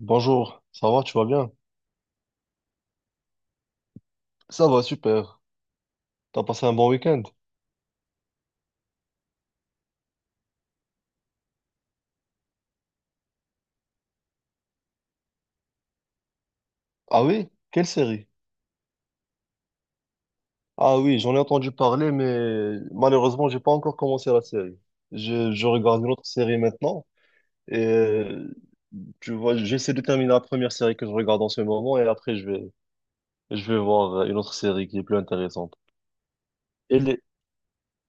Bonjour, ça va, tu vas bien? Ça va, super. T'as passé un bon week-end? Ah oui? Quelle série? Ah oui, j'en ai entendu parler, mais malheureusement, j'ai pas encore commencé la série. Je regarde une autre série maintenant, et tu vois, j'essaie de terminer la première série que je regarde en ce moment, et après, je vais voir une autre série qui est plus intéressante. Et les-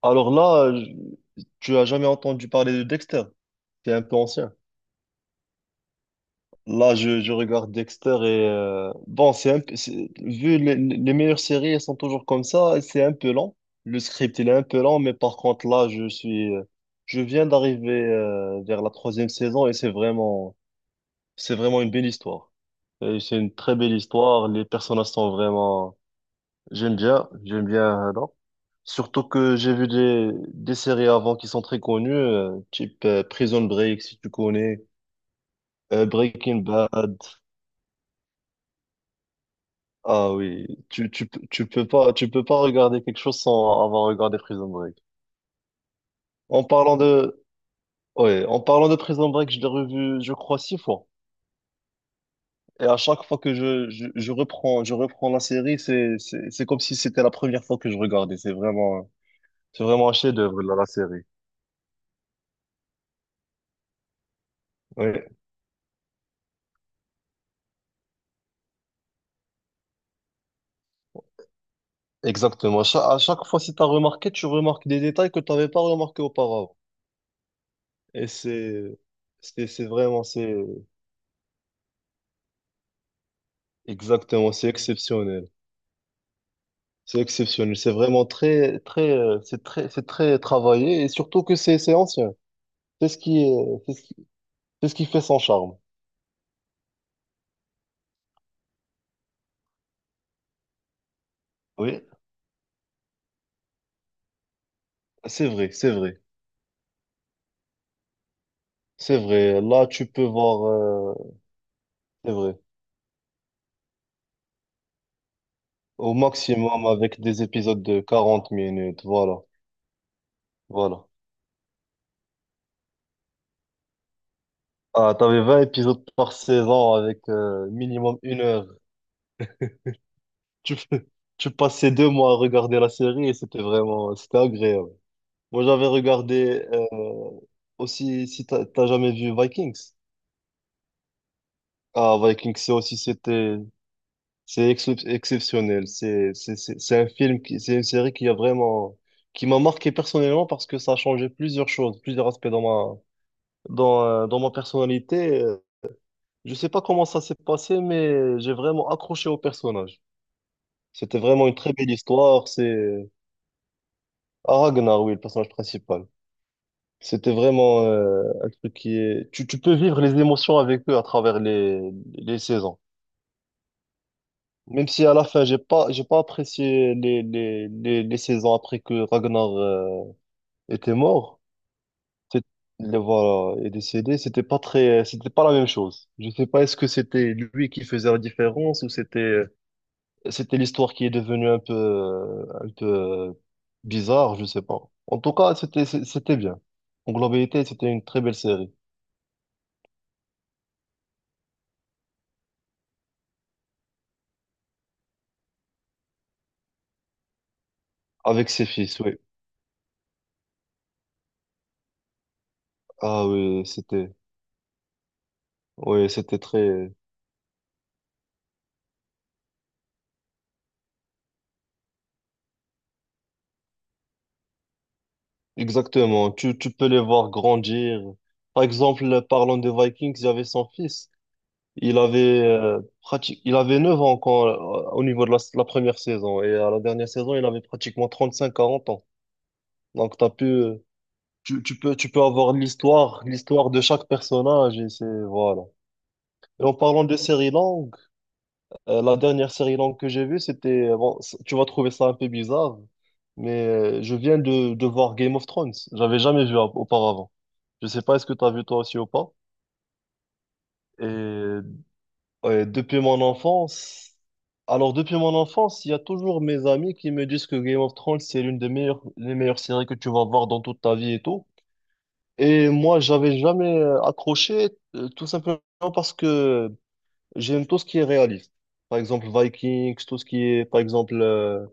Alors là, tu as jamais entendu parler de Dexter? C'est un peu ancien. Là, je regarde Dexter et bon, c'est un peu- c'est- vu les meilleures séries, elles sont toujours comme ça. C'est un peu lent. Le script, il est un peu lent, mais par contre, là, je viens d'arriver vers la troisième saison et c'est vraiment une belle histoire. Et c'est une très belle histoire. Les personnages sont vraiment, j'aime bien, j'aime bien. Non. Surtout que j'ai vu des séries avant qui sont très connues, type Prison Break, si tu connais, Breaking Bad. Ah oui, tu peux pas regarder quelque chose sans avoir regardé Prison Break. En parlant de, ouais, en parlant de Prison Break, je l'ai revu, je crois, six fois. Et à chaque fois que je reprends la série, c'est comme si c'était la première fois que je regardais. C'est vraiment un chef-d'œuvre, la série. Oui, exactement. À chaque fois, si t'as remarqué, tu remarques des détails que t'avais pas remarqué auparavant. Et c'est, c'est, c'est vraiment, c'est, Exactement, c'est exceptionnel. C'est exceptionnel, c'est vraiment très, très, c'est très travaillé et surtout que c'est ancien. C'est ce qui, est- c'est ce qui, c'est ce qui fait son charme. Oui, c'est vrai, c'est vrai, c'est vrai. Là, tu peux voir, c'est vrai, au maximum avec des épisodes de 40 minutes. Voilà, voilà. Ah, t'avais 20 épisodes par saison avec minimum 1 heure. Tu, peux- tu passais 2 mois à regarder la série et c'était vraiment, c'était agréable. Moi, j'avais regardé aussi, si t'as jamais vu Vikings. Ah, Vikings, c'est aussi, c'était, c'est exceptionnel. C'est un film qui, c'est une série qui a vraiment, qui m'a marqué personnellement parce que ça a changé plusieurs choses, plusieurs aspects dans ma, dans ma personnalité. Je sais pas comment ça s'est passé, mais j'ai vraiment accroché au personnage. C'était vraiment une très belle histoire. C'est ah, Ragnar, oui, le personnage principal. C'était vraiment, un truc qui est, tu peux vivre les émotions avec eux à travers les saisons. Même si à la fin, j'ai pas apprécié les saisons après que Ragnar était mort. C'est- Le, voilà, est décédé. C'était pas très, c'était pas la même chose. Je sais pas, est-ce que c'était lui qui faisait la différence ou c'était, c'était l'histoire qui est devenue un peu euh, bizarre, je sais pas. En tout cas, c'était, c'était bien. En globalité, c'était une très belle série. Avec ses fils, oui. Ah oui, c'était très. Exactement, tu peux les voir grandir. Par exemple, parlant des Vikings, il y avait son fils. Il avait 9 ans quand, au niveau de la première saison. Et à la dernière saison, il avait pratiquement 35 40 ans. Donc, t'as pu, tu peux avoir l'histoire, l'histoire de chaque personnage. Et c'est, voilà. Et en parlant de séries longues, la dernière série longue que j'ai vue, c'était bon, tu vas trouver ça un peu bizarre, mais je viens de voir Game of Thrones. J'avais jamais vu auparavant. Je sais pas, est-ce que tu as vu toi aussi ou pas? Et ouais, depuis mon enfance. Alors, depuis mon enfance, il y a toujours mes amis qui me disent que Game of Thrones, c'est l'une des meilleures, les meilleures séries que tu vas voir dans toute ta vie et tout. Et moi, j'avais jamais accroché, tout simplement parce que j'aime tout ce qui est réaliste. Par exemple, Vikings, tout ce qui est, par exemple, euh,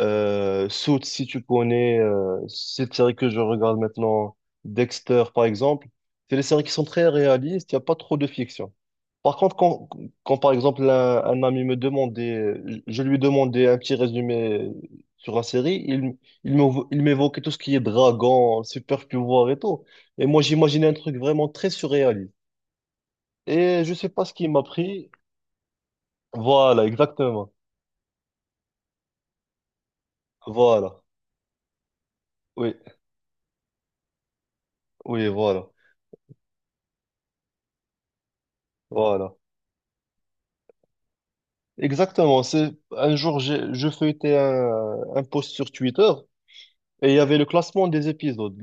Euh, Suits, si tu connais, cette série que je regarde maintenant, Dexter par exemple, c'est des séries qui sont très réalistes, il n'y a pas trop de fiction. Par contre, quand, quand par exemple un ami me demandait, je lui demandais un petit résumé sur la série, il, il m'évoquait tout ce qui est dragon, super pouvoir et tout. Et moi, j'imaginais un truc vraiment très surréaliste. Et je sais pas ce qui m'a pris. Voilà, exactement. Voilà. Oui, oui, voilà. Voilà. Exactement. C'est un jour, je feuilletais un post sur Twitter et il y avait le classement des épisodes,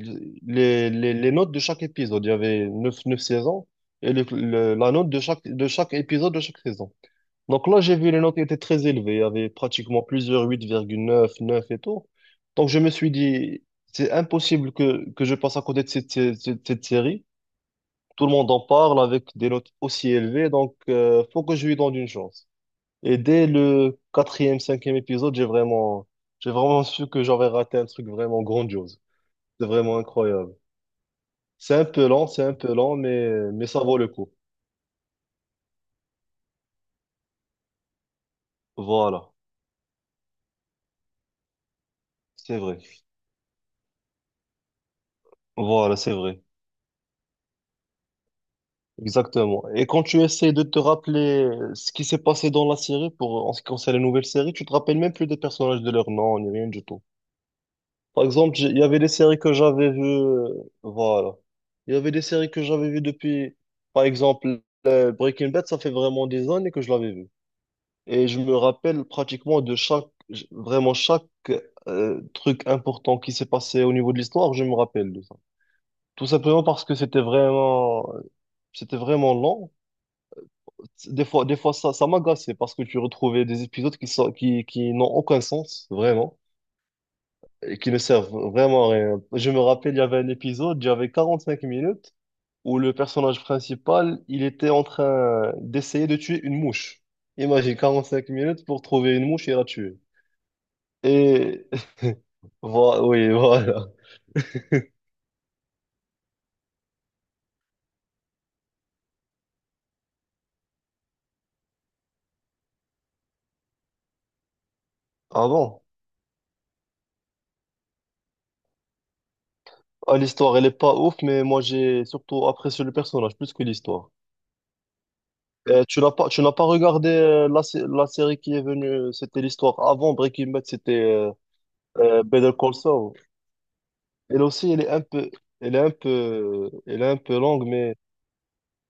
les notes de chaque épisode. Il y avait neuf saisons et la note de chaque épisode de chaque saison. Donc là, j'ai vu les notes étaient très élevées. Il y avait pratiquement plusieurs 8,9, neuf et tout. Donc je me suis dit, c'est impossible que je passe à côté de cette série. Tout le monde en parle avec des notes aussi élevées, donc faut que je lui donne une chance. Et dès le quatrième, cinquième épisode, j'ai vraiment su que j'avais raté un truc vraiment grandiose. C'est vraiment incroyable. C'est un peu lent, c'est un peu lent, mais ça vaut le coup. Voilà. C'est vrai. Voilà, c'est vrai. Exactement. Et quand tu essaies de te rappeler ce qui s'est passé dans la série pour, en ce qui concerne les nouvelles séries, tu te rappelles même plus des personnages de leur nom, ni rien du tout. Par exemple, il y avait des séries que j'avais vues, voilà. Il y avait des séries que j'avais vues depuis, par exemple, Breaking Bad, ça fait vraiment des années que je l'avais vu. Et je me rappelle pratiquement de chaque, vraiment chaque truc important qui s'est passé au niveau de l'histoire, je me rappelle de ça. Tout simplement parce que c'était vraiment lent. Des fois ça, ça m'agaçait parce que tu retrouvais des épisodes qui sont, qui n'ont aucun sens, vraiment. Et qui ne servent vraiment à rien. Je me rappelle, il y avait un épisode, il y avait 45 minutes, où le personnage principal, il était en train d'essayer de tuer une mouche. Imagine, 45 minutes pour trouver une mouche et la tuer. Et voilà, oui, voilà. Ah bon? Ah, l'histoire, elle est pas ouf, mais moi, j'ai surtout apprécié le personnage plus que l'histoire. Tu n'as pas regardé la série qui est venue, c'était l'histoire avant Breaking Bad, c'était Better Call Saul. Elle aussi, elle est un peu longue, mais,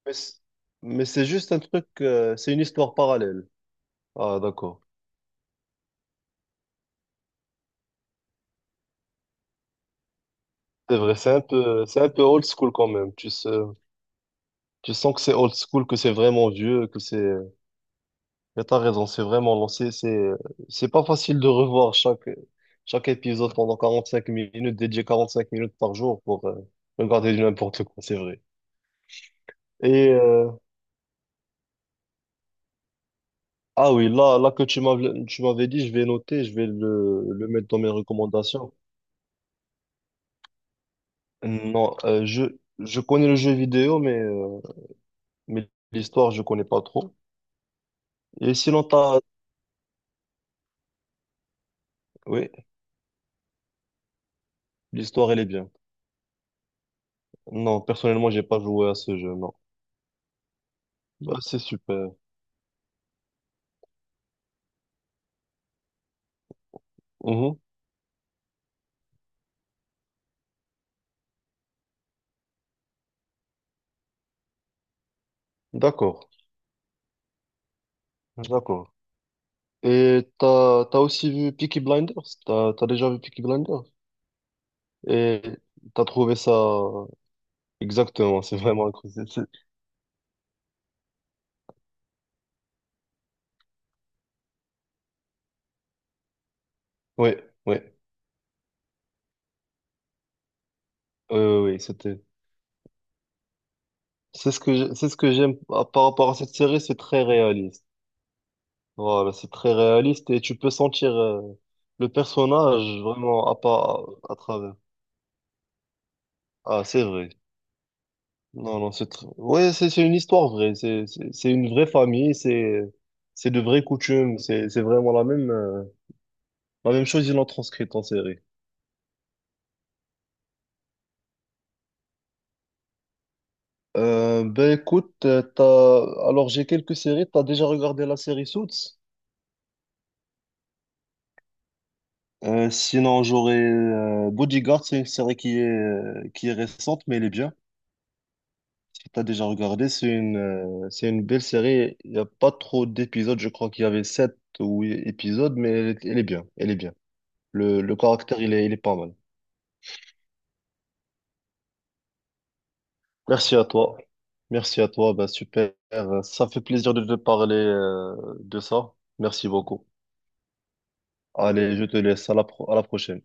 mais c'est mais c'est juste un truc, c'est une histoire parallèle. Ah, d'accord. C'est vrai, c'est un peu old school quand même. Tu sais, tu sens que c'est old school, que c'est vraiment vieux, que c'est, mais t'as raison, c'est vraiment lancé, c'est pas facile de revoir chaque, chaque épisode pendant 45 minutes, dédié 45 minutes par jour pour regarder du n'importe quoi, c'est vrai. Et, euh, Ah oui, là que tu m'avais dit, je vais noter, je vais le mettre dans mes recommandations. Non, je connais le jeu vidéo, mais l'histoire, je connais pas trop. Et sinon, t'as. Oui, l'histoire, elle est bien. Non, personnellement, j'ai pas joué à ce jeu, non. Bah, c'est super. Mhm. D'accord, d'accord. Et t'as aussi vu Peaky Blinders? T'as déjà vu Peaky Blinders? Et t'as trouvé ça? Exactement, c'est vraiment incroyable. Oui, oui, oui, oui, c'était. C'est ce que c'est ce que j'aime par rapport à cette série, c'est très réaliste. Voilà, c'est très réaliste et tu peux sentir le personnage vraiment à pas à travers. Ah, c'est vrai. Non, non, ouais, c'est une histoire vraie. C'est une vraie famille. C'est de vraies coutumes. C'est vraiment la même chose. Ils l'ont transcrite en série. Ben écoute, t'as alors j'ai quelques séries. T'as déjà regardé la série Suits? Sinon, j'aurais Bodyguard, c'est une série qui est récente, mais elle est bien. Si tu as déjà regardé, c'est une belle série. Il n'y a pas trop d'épisodes, je crois qu'il y avait sept ou huit épisodes, mais elle est bien. Elle est bien. Le caractère, il est pas mal. Merci à toi. Merci à toi. Bah, super. Ça fait plaisir de te parler de ça. Merci beaucoup. Allez, je te laisse. À la prochaine.